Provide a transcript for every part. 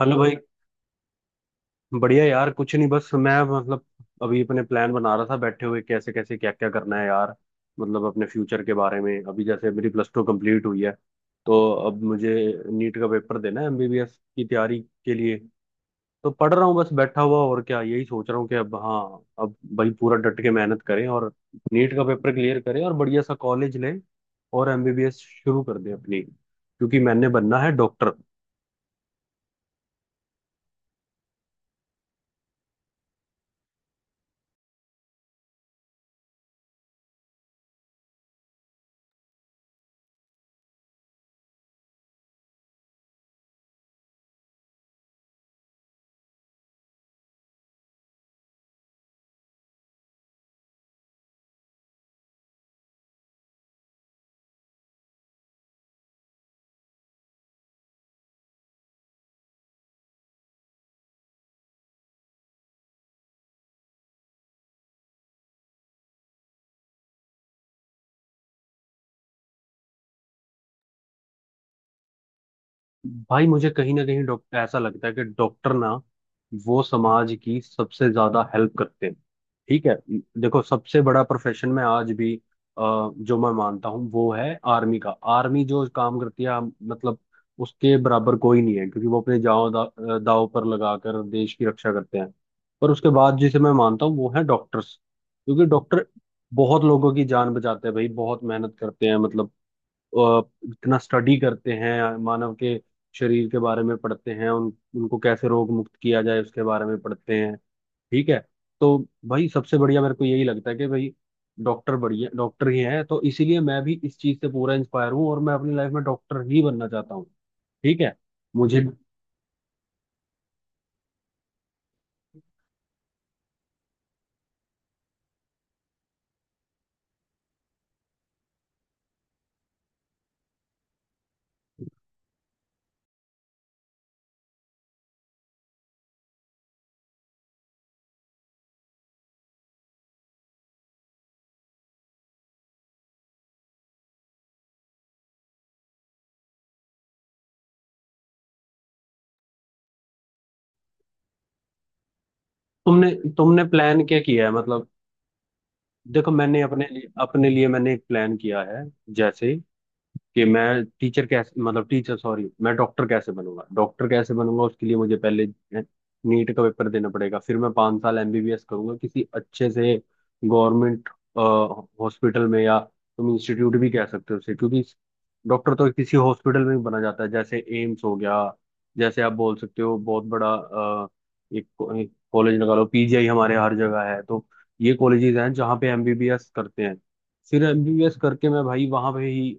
Hello भाई। बढ़िया यार, कुछ नहीं, बस मैं मतलब अभी अपने प्लान बना रहा था, बैठे हुए कैसे कैसे, क्या क्या करना है यार। मतलब अपने फ्यूचर के बारे में। अभी जैसे मेरी प्लस टू कंप्लीट हुई है, तो अब मुझे नीट का पेपर देना है, एमबीबीएस की तैयारी के लिए। तो पढ़ रहा हूँ, बस बैठा हुआ, और क्या, यही सोच रहा हूँ कि अब, हाँ, अब भाई पूरा डट के मेहनत करें और नीट का पेपर क्लियर करें और बढ़िया सा कॉलेज लें और एमबीबीएस शुरू कर दें अपनी, क्योंकि मैंने बनना है डॉक्टर। भाई, मुझे कहीं ना कहीं डॉक्टर, ऐसा लगता है कि डॉक्टर ना वो समाज की सबसे ज्यादा हेल्प करते हैं। ठीक है। देखो, सबसे बड़ा प्रोफेशन में आज भी जो मैं मानता हूँ वो है आर्मी का। आर्मी जो काम करती है, मतलब उसके बराबर कोई नहीं है, क्योंकि वो अपने जान दाव पर लगाकर देश की रक्षा करते हैं। पर उसके बाद जिसे मैं मानता हूँ वो है डॉक्टर्स, क्योंकि डॉक्टर बहुत लोगों की जान बचाते हैं भाई, बहुत मेहनत करते हैं, मतलब अ, इतना स्टडी करते हैं, मानव के शरीर के बारे में पढ़ते हैं, उन उनको कैसे रोग मुक्त किया जाए उसके बारे में पढ़ते हैं। ठीक है। तो भाई, सबसे बढ़िया मेरे को यही लगता है कि भाई डॉक्टर बढ़िया, डॉक्टर ही हैं, तो इसीलिए मैं भी इस चीज़ से पूरा इंस्पायर हूँ और मैं अपनी लाइफ में डॉक्टर ही बनना चाहता हूँ। ठीक है। मुझे, तुमने तुमने प्लान क्या किया है, मतलब? देखो, मैंने अपने लिए मैंने एक प्लान किया है। जैसे कि मैं टीचर कैसे, मतलब टीचर सॉरी, मैं डॉक्टर कैसे बनूंगा, उसके लिए मुझे पहले नीट का पेपर देना पड़ेगा। फिर मैं 5 साल एमबीबीएस करूंगा किसी अच्छे से गवर्नमेंट हॉस्पिटल में, या तुम इंस्टीट्यूट भी कह सकते हो उसे, क्योंकि डॉक्टर तो किसी हॉस्पिटल में भी बना जाता है। जैसे एम्स हो गया, जैसे आप बोल सकते हो बहुत बड़ा एक कॉलेज लगा लो, पीजीआई, हमारे हर जगह है। तो ये कॉलेजेस हैं जहाँ पे एमबीबीएस करते हैं। फिर एमबीबीएस करके मैं भाई वहां पे ही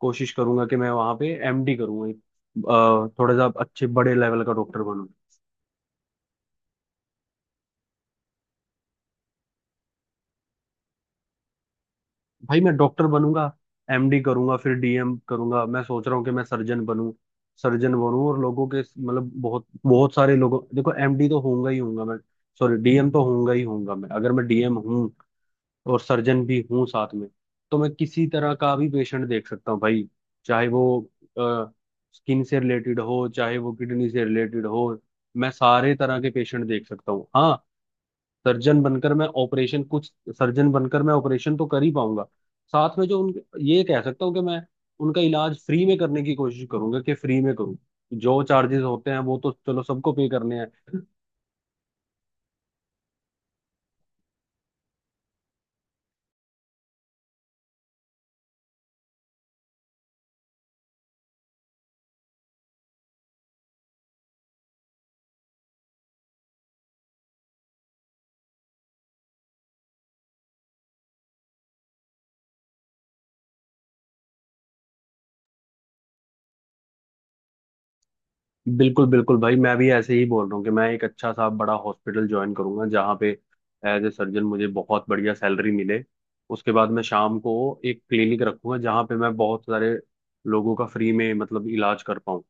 कोशिश करूंगा कि मैं वहां पे एमडी करूंगा, एक थोड़ा सा अच्छे बड़े लेवल का डॉक्टर बनूं। भाई, मैं डॉक्टर बनूंगा, एमडी करूंगा, फिर डीएम करूंगा। मैं सोच रहा हूँ कि मैं सर्जन बनूं। सर्जन बनूं और लोगों के, मतलब बहुत बहुत सारे लोगों, देखो एमडी तो होऊंगा ही होऊंगा मैं, सॉरी डीएम तो होऊंगा ही होऊंगा मैं। अगर मैं डीएम हूँ और सर्जन भी हूँ साथ में, तो मैं किसी तरह का भी पेशेंट देख सकता हूँ भाई। चाहे वो स्किन से रिलेटेड हो, चाहे वो किडनी से रिलेटेड हो, मैं सारे तरह के पेशेंट देख सकता हूँ, हाँ। सर्जन बनकर मैं ऑपरेशन कुछ सर्जन बनकर मैं ऑपरेशन तो कर ही पाऊंगा। साथ में जो उन, ये कह सकता हूँ कि मैं उनका इलाज फ्री में करने की कोशिश करूंगा, कि फ्री में करूँ। जो चार्जेस होते हैं वो तो चलो सबको पे करने हैं। बिल्कुल बिल्कुल भाई, मैं भी ऐसे ही बोल रहा हूँ कि मैं एक अच्छा सा बड़ा हॉस्पिटल ज्वाइन करूंगा जहाँ पे एज ए सर्जन मुझे बहुत बढ़िया सैलरी मिले। उसके बाद मैं शाम को एक क्लिनिक रखूंगा, जहाँ पे मैं बहुत सारे लोगों का फ्री में, मतलब इलाज कर पाऊँ।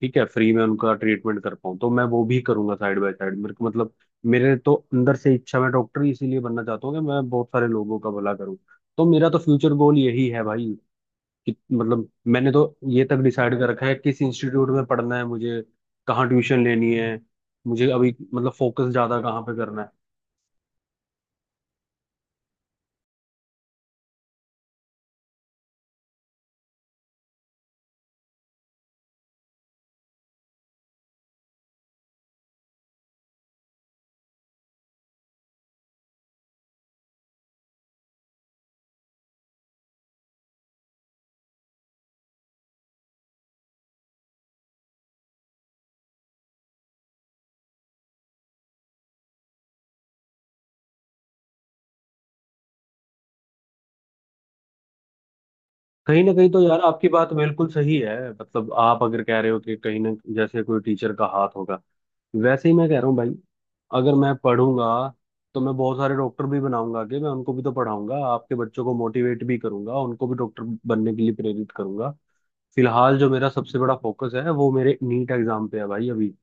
ठीक है, फ्री में उनका ट्रीटमेंट कर पाऊँ, तो मैं वो भी करूंगा साइड बाय साइड। मेरे को मतलब, मेरे तो अंदर से इच्छा, मैं डॉक्टर ही इसीलिए बनना चाहता हूँ कि मैं बहुत सारे लोगों का भला करूँ। तो मेरा तो फ्यूचर गोल यही है भाई। कि मतलब मैंने तो ये तक डिसाइड कर रखा है किस इंस्टीट्यूट में पढ़ना है मुझे, कहाँ ट्यूशन लेनी है मुझे, अभी मतलब फोकस ज्यादा कहाँ पे करना है। कहीं ना कहीं तो यार आपकी बात बिल्कुल सही है। मतलब आप अगर कह रहे हो कि कहीं ना जैसे कोई टीचर का हाथ होगा, वैसे ही मैं कह रहा हूँ भाई, अगर मैं पढ़ूंगा तो मैं बहुत सारे डॉक्टर भी बनाऊंगा, कि मैं उनको भी तो पढ़ाऊंगा, आपके बच्चों को मोटिवेट भी करूंगा, उनको भी डॉक्टर बनने के लिए प्रेरित करूंगा। फिलहाल जो मेरा सबसे बड़ा फोकस है वो मेरे नीट एग्जाम पे है भाई अभी।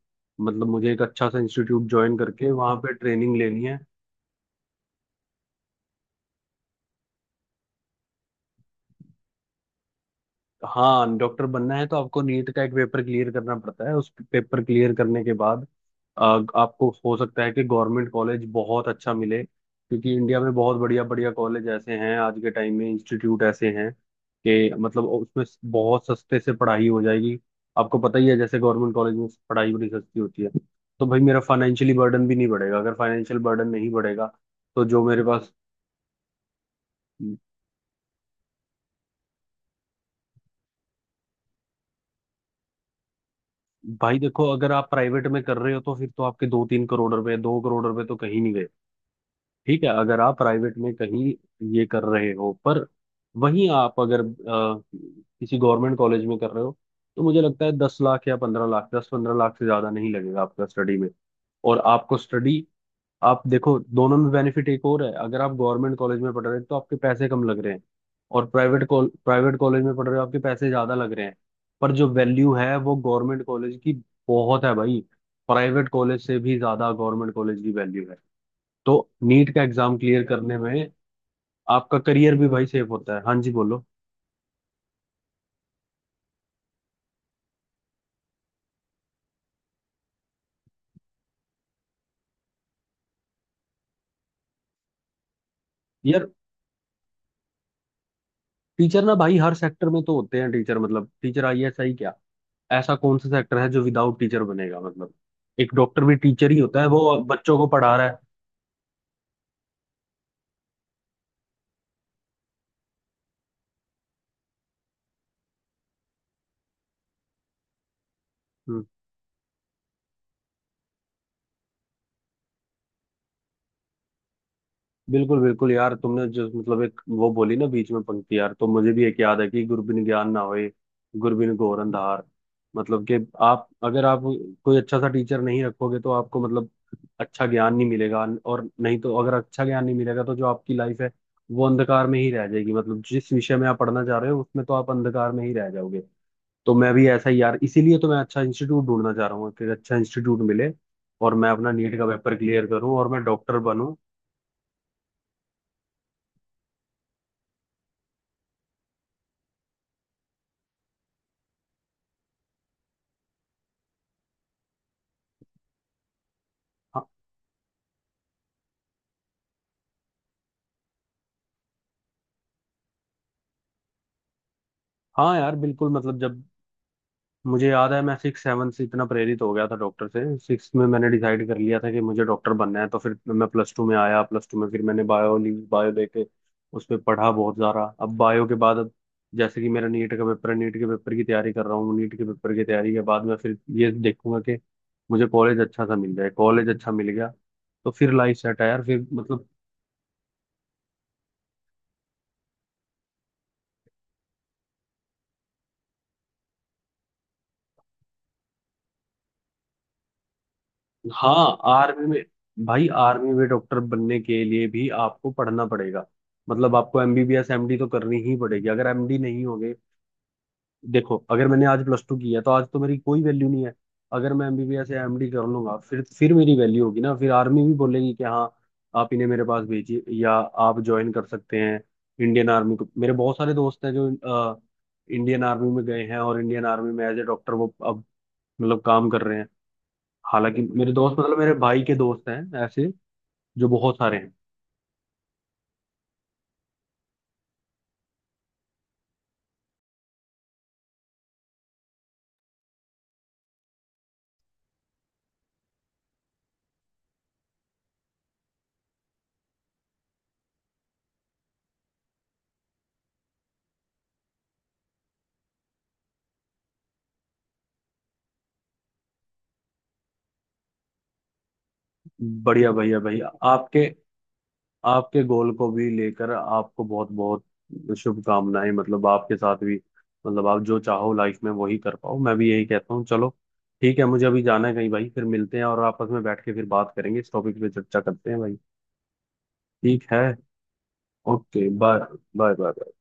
मतलब मुझे एक अच्छा सा इंस्टीट्यूट ज्वाइन करके वहां पे ट्रेनिंग लेनी है। हाँ, डॉक्टर बनना है तो आपको नीट का एक पेपर क्लियर करना पड़ता है। उस पेपर क्लियर करने के बाद अ, आपको हो सकता है कि गवर्नमेंट कॉलेज बहुत अच्छा मिले, क्योंकि इंडिया में बहुत बढ़िया बढ़िया कॉलेज ऐसे हैं आज के टाइम में, इंस्टीट्यूट ऐसे हैं कि मतलब उसमें बहुत सस्ते से पढ़ाई हो जाएगी। आपको पता ही है जैसे गवर्नमेंट कॉलेज में पढ़ाई बड़ी सस्ती होती है। तो भाई मेरा फाइनेंशियली बर्डन भी नहीं बढ़ेगा। अगर फाइनेंशियल बर्डन नहीं बढ़ेगा तो जो मेरे पास। भाई देखो, अगर आप प्राइवेट में कर रहे हो तो फिर तो आपके 2-3 करोड़ रुपए, 2 करोड़ रुपए तो कहीं नहीं गए। ठीक है, अगर आप प्राइवेट में कहीं ये कर रहे हो। पर वहीं आप अगर किसी गवर्नमेंट कॉलेज में कर रहे हो, तो मुझे लगता है 10 लाख या 15 लाख, 10-15 लाख से ज्यादा नहीं लगेगा आपका स्टडी में। और आपको स्टडी, आप देखो, दोनों में बेनिफिट एक और है। अगर आप गवर्नमेंट कॉलेज में पढ़ रहे हैं तो आपके पैसे कम लग रहे हैं, और प्राइवेट कॉलेज में पढ़ रहे हो आपके पैसे ज्यादा लग रहे हैं। पर जो वैल्यू है वो गवर्नमेंट कॉलेज की बहुत है भाई, प्राइवेट कॉलेज से भी ज्यादा गवर्नमेंट कॉलेज की वैल्यू है। तो नीट का एग्जाम क्लियर करने में आपका करियर भी भाई सेफ होता है। हाँ जी, बोलो। यार, टीचर ना भाई हर सेक्टर में तो होते हैं टीचर, मतलब टीचर, आईएएस, आई क्या, ऐसा कौन सा सेक्टर है जो विदाउट टीचर बनेगा, मतलब। एक डॉक्टर भी टीचर ही होता है, वो बच्चों को पढ़ा रहा है। बिल्कुल बिल्कुल यार, तुमने जो मतलब एक वो बोली ना बीच में पंक्ति यार, तो मुझे भी एक याद है कि गुरबिन ज्ञान ना होए, गुरबिन घोर अंधार। मतलब कि आप अगर आप कोई अच्छा सा टीचर नहीं रखोगे तो आपको, मतलब अच्छा ज्ञान नहीं मिलेगा, और नहीं तो अगर अच्छा ज्ञान नहीं मिलेगा तो जो आपकी लाइफ है वो अंधकार में ही रह जाएगी। मतलब जिस विषय में आप पढ़ना चाह रहे हो उसमें तो आप अंधकार में ही रह जाओगे। तो मैं भी ऐसा ही यार, इसीलिए तो मैं अच्छा इंस्टीट्यूट ढूंढना चाह रहा हूँ कि अच्छा इंस्टीट्यूट मिले और मैं अपना नीट का पेपर क्लियर करूँ और मैं डॉक्टर बनूँ। हाँ यार बिल्कुल। मतलब जब, मुझे याद है, मैं 6-7 से इतना प्रेरित हो गया था डॉक्टर से। 6 में मैंने डिसाइड कर लिया था कि मुझे डॉक्टर बनना है। तो फिर मैं प्लस टू में आया, प्लस टू में फिर मैंने बायो ली, बायो लेके उस पर पढ़ा बहुत सारा। अब बायो के बाद अब जैसे कि मेरा नीट का पेपर है, नीट के पेपर की तैयारी कर रहा हूँ। नीट के पेपर की तैयारी के बाद मैं फिर ये देखूंगा कि मुझे कॉलेज अच्छा सा मिल जाए। कॉलेज अच्छा मिल गया तो फिर लाइफ सेट है यार, फिर मतलब। हाँ, आर्मी में, भाई आर्मी में डॉक्टर बनने के लिए भी आपको पढ़ना पड़ेगा। मतलब आपको एमबीबीएस एमडी तो करनी ही पड़ेगी। अगर एमडी नहीं होगे, देखो अगर मैंने आज प्लस टू किया तो आज तो मेरी कोई वैल्यू नहीं है। अगर मैं एमबीबीएस या एमडी कर लूंगा, फिर मेरी वैल्यू होगी ना, फिर आर्मी भी बोलेगी कि हाँ, आप इन्हें मेरे पास भेजिए, या आप ज्वाइन कर सकते हैं इंडियन आर्मी को। मेरे बहुत सारे दोस्त हैं जो अ, इंडियन आर्मी में गए हैं और इंडियन आर्मी में एज ए डॉक्टर वो अब, मतलब काम कर रहे हैं। हालांकि मेरे दोस्त, मतलब मेरे भाई के दोस्त हैं ऐसे, जो बहुत सारे हैं। बढ़िया भैया, भैया आपके, आपके गोल को भी लेकर आपको बहुत बहुत शुभकामनाएं। मतलब आपके साथ भी, मतलब आप जो चाहो लाइफ में वही कर पाओ, मैं भी यही कहता हूँ। चलो ठीक है, मुझे अभी जाना है कहीं भाई, फिर मिलते हैं और आपस में बैठ के फिर बात करेंगे, इस टॉपिक पे चर्चा करते हैं भाई। ठीक है, ओके। Bye bye bye.